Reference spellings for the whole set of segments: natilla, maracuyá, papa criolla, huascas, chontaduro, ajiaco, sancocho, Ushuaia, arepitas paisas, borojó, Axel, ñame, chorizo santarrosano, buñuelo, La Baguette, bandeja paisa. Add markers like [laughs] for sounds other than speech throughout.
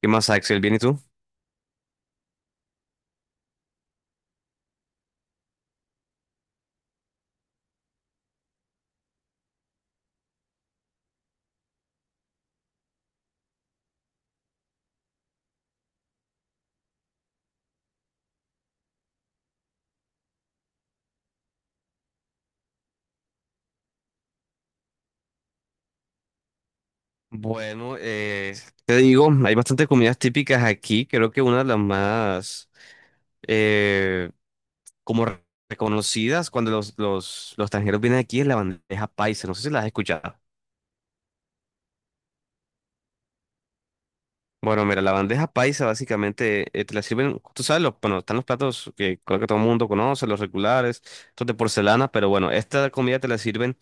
¿Qué más, Axel? ¿Bien y tú? Bueno, te digo, hay bastantes comidas típicas aquí. Creo que una de las más eh, como reconocidas cuando los extranjeros vienen aquí es la bandeja paisa. No sé si la has escuchado. Bueno, mira, la bandeja paisa básicamente te la sirven, tú sabes, los, bueno, están los platos que creo que todo el mundo conoce, los regulares, estos de porcelana, pero bueno, esta comida te la sirven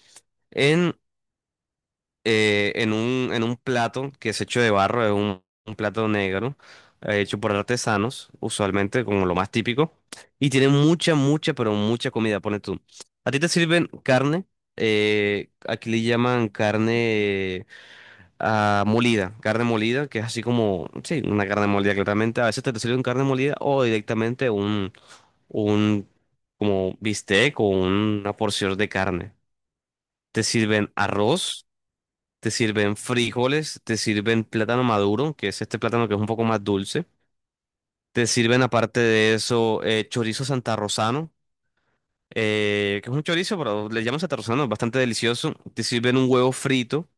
en un plato que es hecho de barro, es un plato negro, hecho por artesanos, usualmente como lo más típico, y tiene mucha, mucha, pero mucha comida, pone tú. A ti te sirven carne, aquí le llaman carne molida, carne molida, que es así como, sí, una carne molida claramente, a veces te sirven carne molida o directamente un como bistec o una porción de carne. Te sirven arroz, te sirven frijoles, te sirven plátano maduro, que es este plátano que es un poco más dulce. Te sirven aparte de eso chorizo santarrosano, que es un chorizo, pero le llaman santarrosano, es bastante delicioso. Te sirven un huevo frito,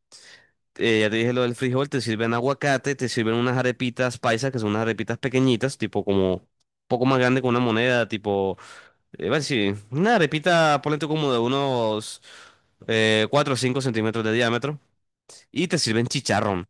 ya te dije lo del frijol, te sirven aguacate, te sirven unas arepitas paisas, que son unas arepitas pequeñitas, tipo como un poco más grande que una moneda, tipo, bueno, sí, una arepita, ponle tú como de unos 4 o 5 centímetros de diámetro. Y te sirven chicharrón.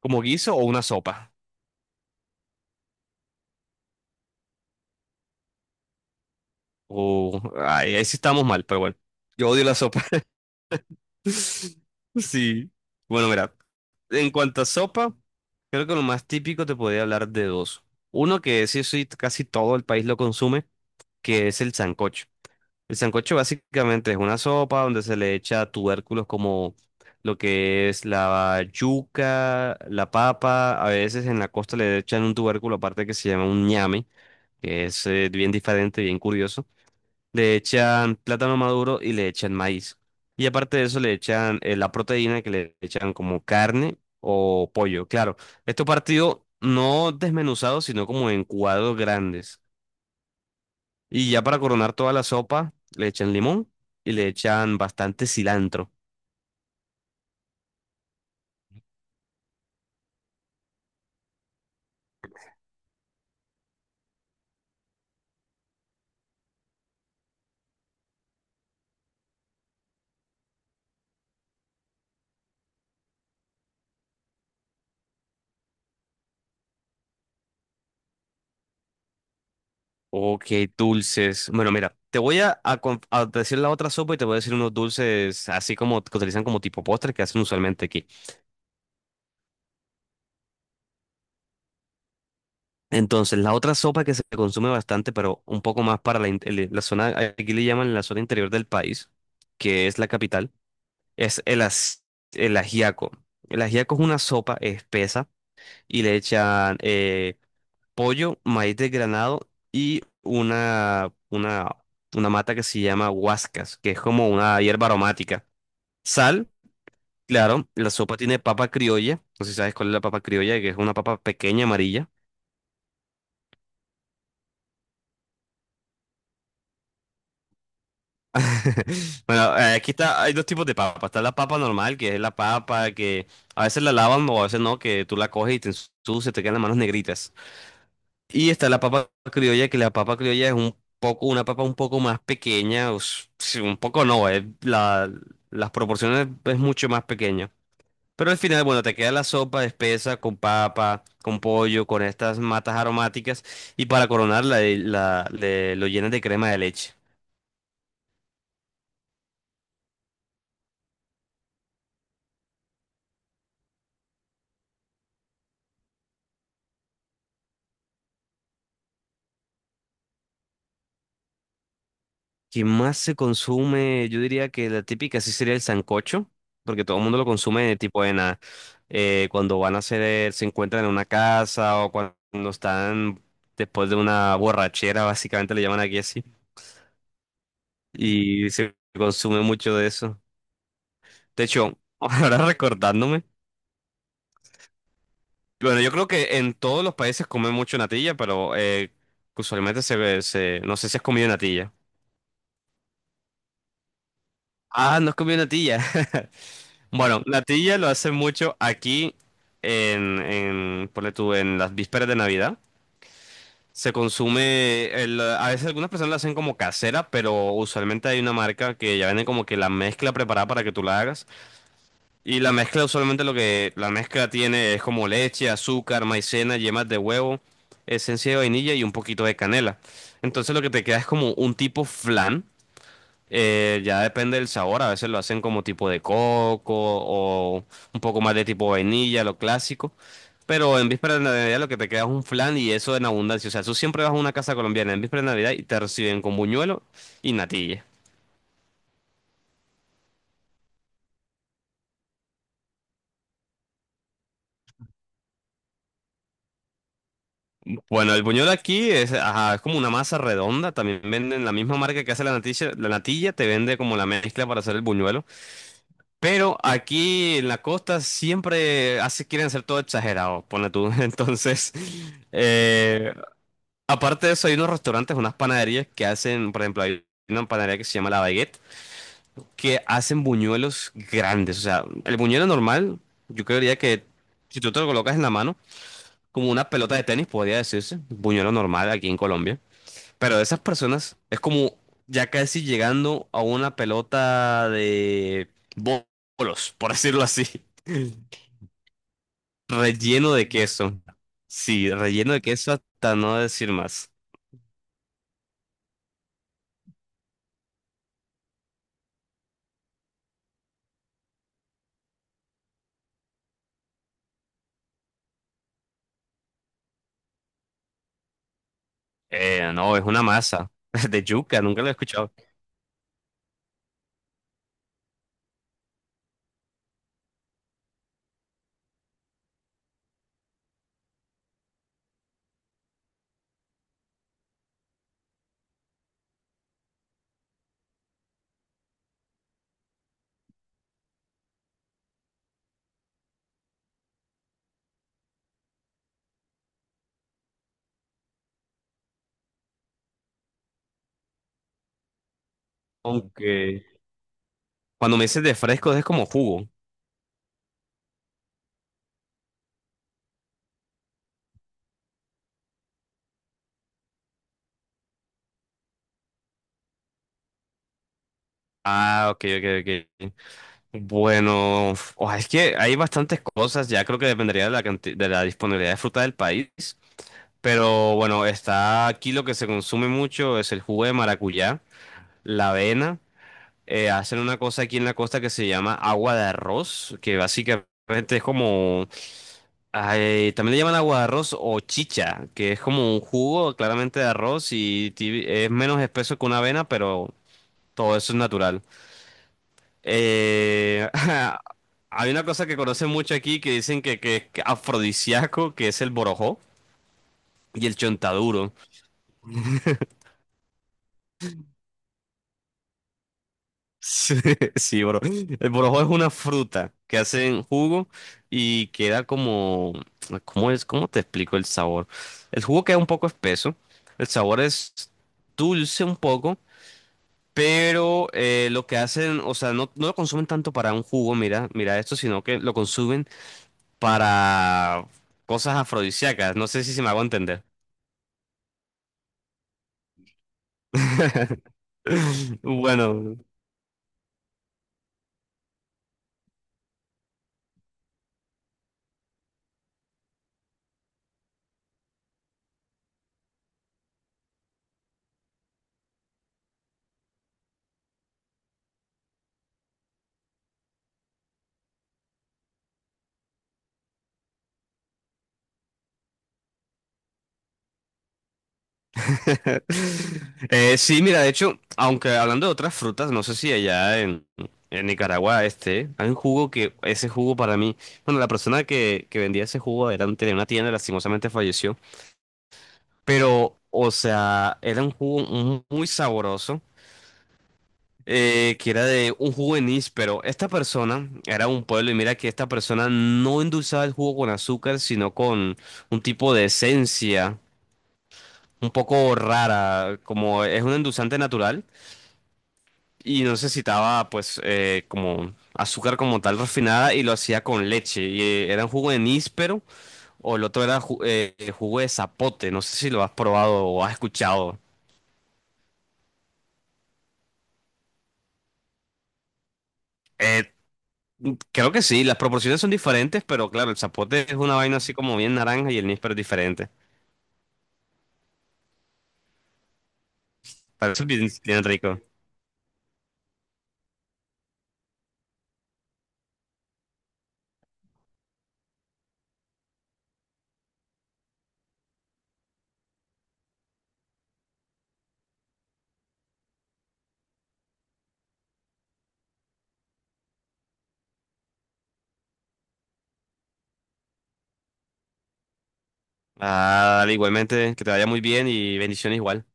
Como guiso o una sopa. O ay, ahí sí estamos mal, pero bueno. Yo odio la sopa. [laughs] Sí. Bueno, mira. En cuanto a sopa, creo que lo más típico te podría hablar de dos. Uno que sí, casi todo el país lo consume, que es el sancocho. El sancocho básicamente es una sopa donde se le echa tubérculos como lo que es la yuca, la papa. A veces en la costa le echan un tubérculo aparte que se llama un ñame, que es bien diferente, bien curioso. Le echan plátano maduro y le echan maíz. Y aparte de eso le echan la proteína que le echan como carne o pollo. Claro, esto partido no desmenuzado, sino como en cuadros grandes. Y ya para coronar toda la sopa, le echan limón y le echan bastante cilantro. Ok, dulces. Bueno, mira, te voy a decir la otra sopa y te voy a decir unos dulces así como que utilizan como tipo postre que hacen usualmente aquí. Entonces, la otra sopa que se consume bastante, pero un poco más para la, la zona, aquí le llaman la zona interior del país, que es la capital, es el ajiaco. El ajiaco es una sopa espesa y le echan pollo, maíz desgranado y una mata que se llama huascas, que es como una hierba aromática. Sal, claro, la sopa tiene papa criolla, no sé si sabes cuál es la papa criolla, que es una papa pequeña amarilla. [laughs] Bueno, aquí está, hay dos tipos de papa. Está la papa normal, que es la papa que a veces la lavan o a veces no, que tú la coges y te ensucia, te quedan las manos negritas. Y está la papa criolla, que la papa criolla es un poco, una papa un poco más pequeña, sí, un poco no, es la, las proporciones es mucho más pequeña. Pero al final, bueno, te queda la sopa espesa con papa, con pollo, con estas matas aromáticas y para coronarla lo llenas de crema de leche. ¿Qué más se consume? Yo diría que la típica sí sería el sancocho, porque todo el mundo lo consume tipo en cuando van a hacer, se encuentran en una casa o cuando están después de una borrachera, básicamente le llaman aquí así, y se consume mucho de eso. De hecho, [laughs] ahora recordándome, bueno, yo creo que en todos los países comen mucho natilla, pero usualmente se ve, se, no sé si has comido natilla. Ah, no has comido natilla. [laughs] Bueno, natilla lo hacen mucho aquí ponle tú, en las vísperas de Navidad. Se consume, a veces algunas personas la hacen como casera, pero usualmente hay una marca que ya vende como que la mezcla preparada para que tú la hagas. Y la mezcla usualmente lo que la mezcla tiene es como leche, azúcar, maicena, yemas de huevo, esencia de vainilla y un poquito de canela. Entonces lo que te queda es como un tipo flan. Ya depende del sabor, a veces lo hacen como tipo de coco o un poco más de tipo vainilla, lo clásico. Pero en víspera de Navidad lo que te queda es un flan y eso en abundancia. O sea, tú siempre vas a una casa colombiana en víspera de Navidad y te reciben con buñuelo y natilla. Bueno, el buñuelo aquí es, ajá, es como una masa redonda. También venden la misma marca que hace la natilla. La natilla te vende como la mezcla para hacer el buñuelo. Pero aquí en la costa siempre hace, quieren hacer todo exagerado, pone tú. [laughs] Entonces... eh, Aparte de eso, hay unos restaurantes, unas panaderías que hacen, por ejemplo, hay una panadería que se llama La Baguette, que hacen buñuelos grandes. O sea, el buñuelo normal, yo creería que si tú te lo colocas en la mano, como una pelota de tenis, podría decirse, buñuelo normal aquí en Colombia. Pero de esas personas es como ya casi llegando a una pelota de bo- bolos, por decirlo así, [laughs] relleno de queso. Sí, relleno de queso hasta no decir más. No, es una masa [laughs] de yuca, nunca lo he escuchado. Aunque cuando me dices de fresco es como jugo. Ah, ok, ok, ok. Bueno, oh, es que hay bastantes cosas, ya creo que dependería de la de la disponibilidad de fruta del país. Pero bueno, está aquí lo que se consume mucho es el jugo de maracuyá, la avena. Hacen una cosa aquí en la costa que se llama agua de arroz, que básicamente es como, ay, también le llaman agua de arroz o chicha, que es como un jugo claramente de arroz y es menos espeso que una avena, pero todo eso es natural. Eh, [laughs] hay una cosa que conocen mucho aquí que dicen que es afrodisíaco, que es el borojó y el chontaduro. [laughs] Sí, sí, bro. El borojó es una fruta que hacen jugo y queda como... ¿Cómo es? ¿Cómo te explico el sabor? El jugo queda un poco espeso, el sabor es dulce un poco. Pero lo que hacen, o sea, no lo consumen tanto para un jugo, mira, mira esto, sino que lo consumen para cosas afrodisíacas. No sé si se me hago entender. [laughs] Bueno, [laughs] sí, mira, de hecho, aunque hablando de otras frutas, no sé si allá en Nicaragua este, hay un jugo que, ese jugo para mí, bueno, la persona que vendía ese jugo era, tenía una tienda, lastimosamente falleció, pero, o sea, era un jugo muy sabroso. Que era de un jugo de anís, pero esta persona era un pueblo y mira que esta persona no endulzaba el jugo con azúcar, sino con un tipo de esencia un poco rara, como es un endulzante natural y no necesitaba pues como azúcar como tal refinada y lo hacía con leche y era un jugo de anís, pero o el otro era jugo de zapote, no sé si lo has probado o has escuchado. Eh, Creo que sí, las proporciones son diferentes, pero claro, el zapote es una vaina así como bien naranja y el níspero es diferente. Pero eso bien, bien rico. Ah, dale, igualmente, que te vaya muy bien y bendiciones igual.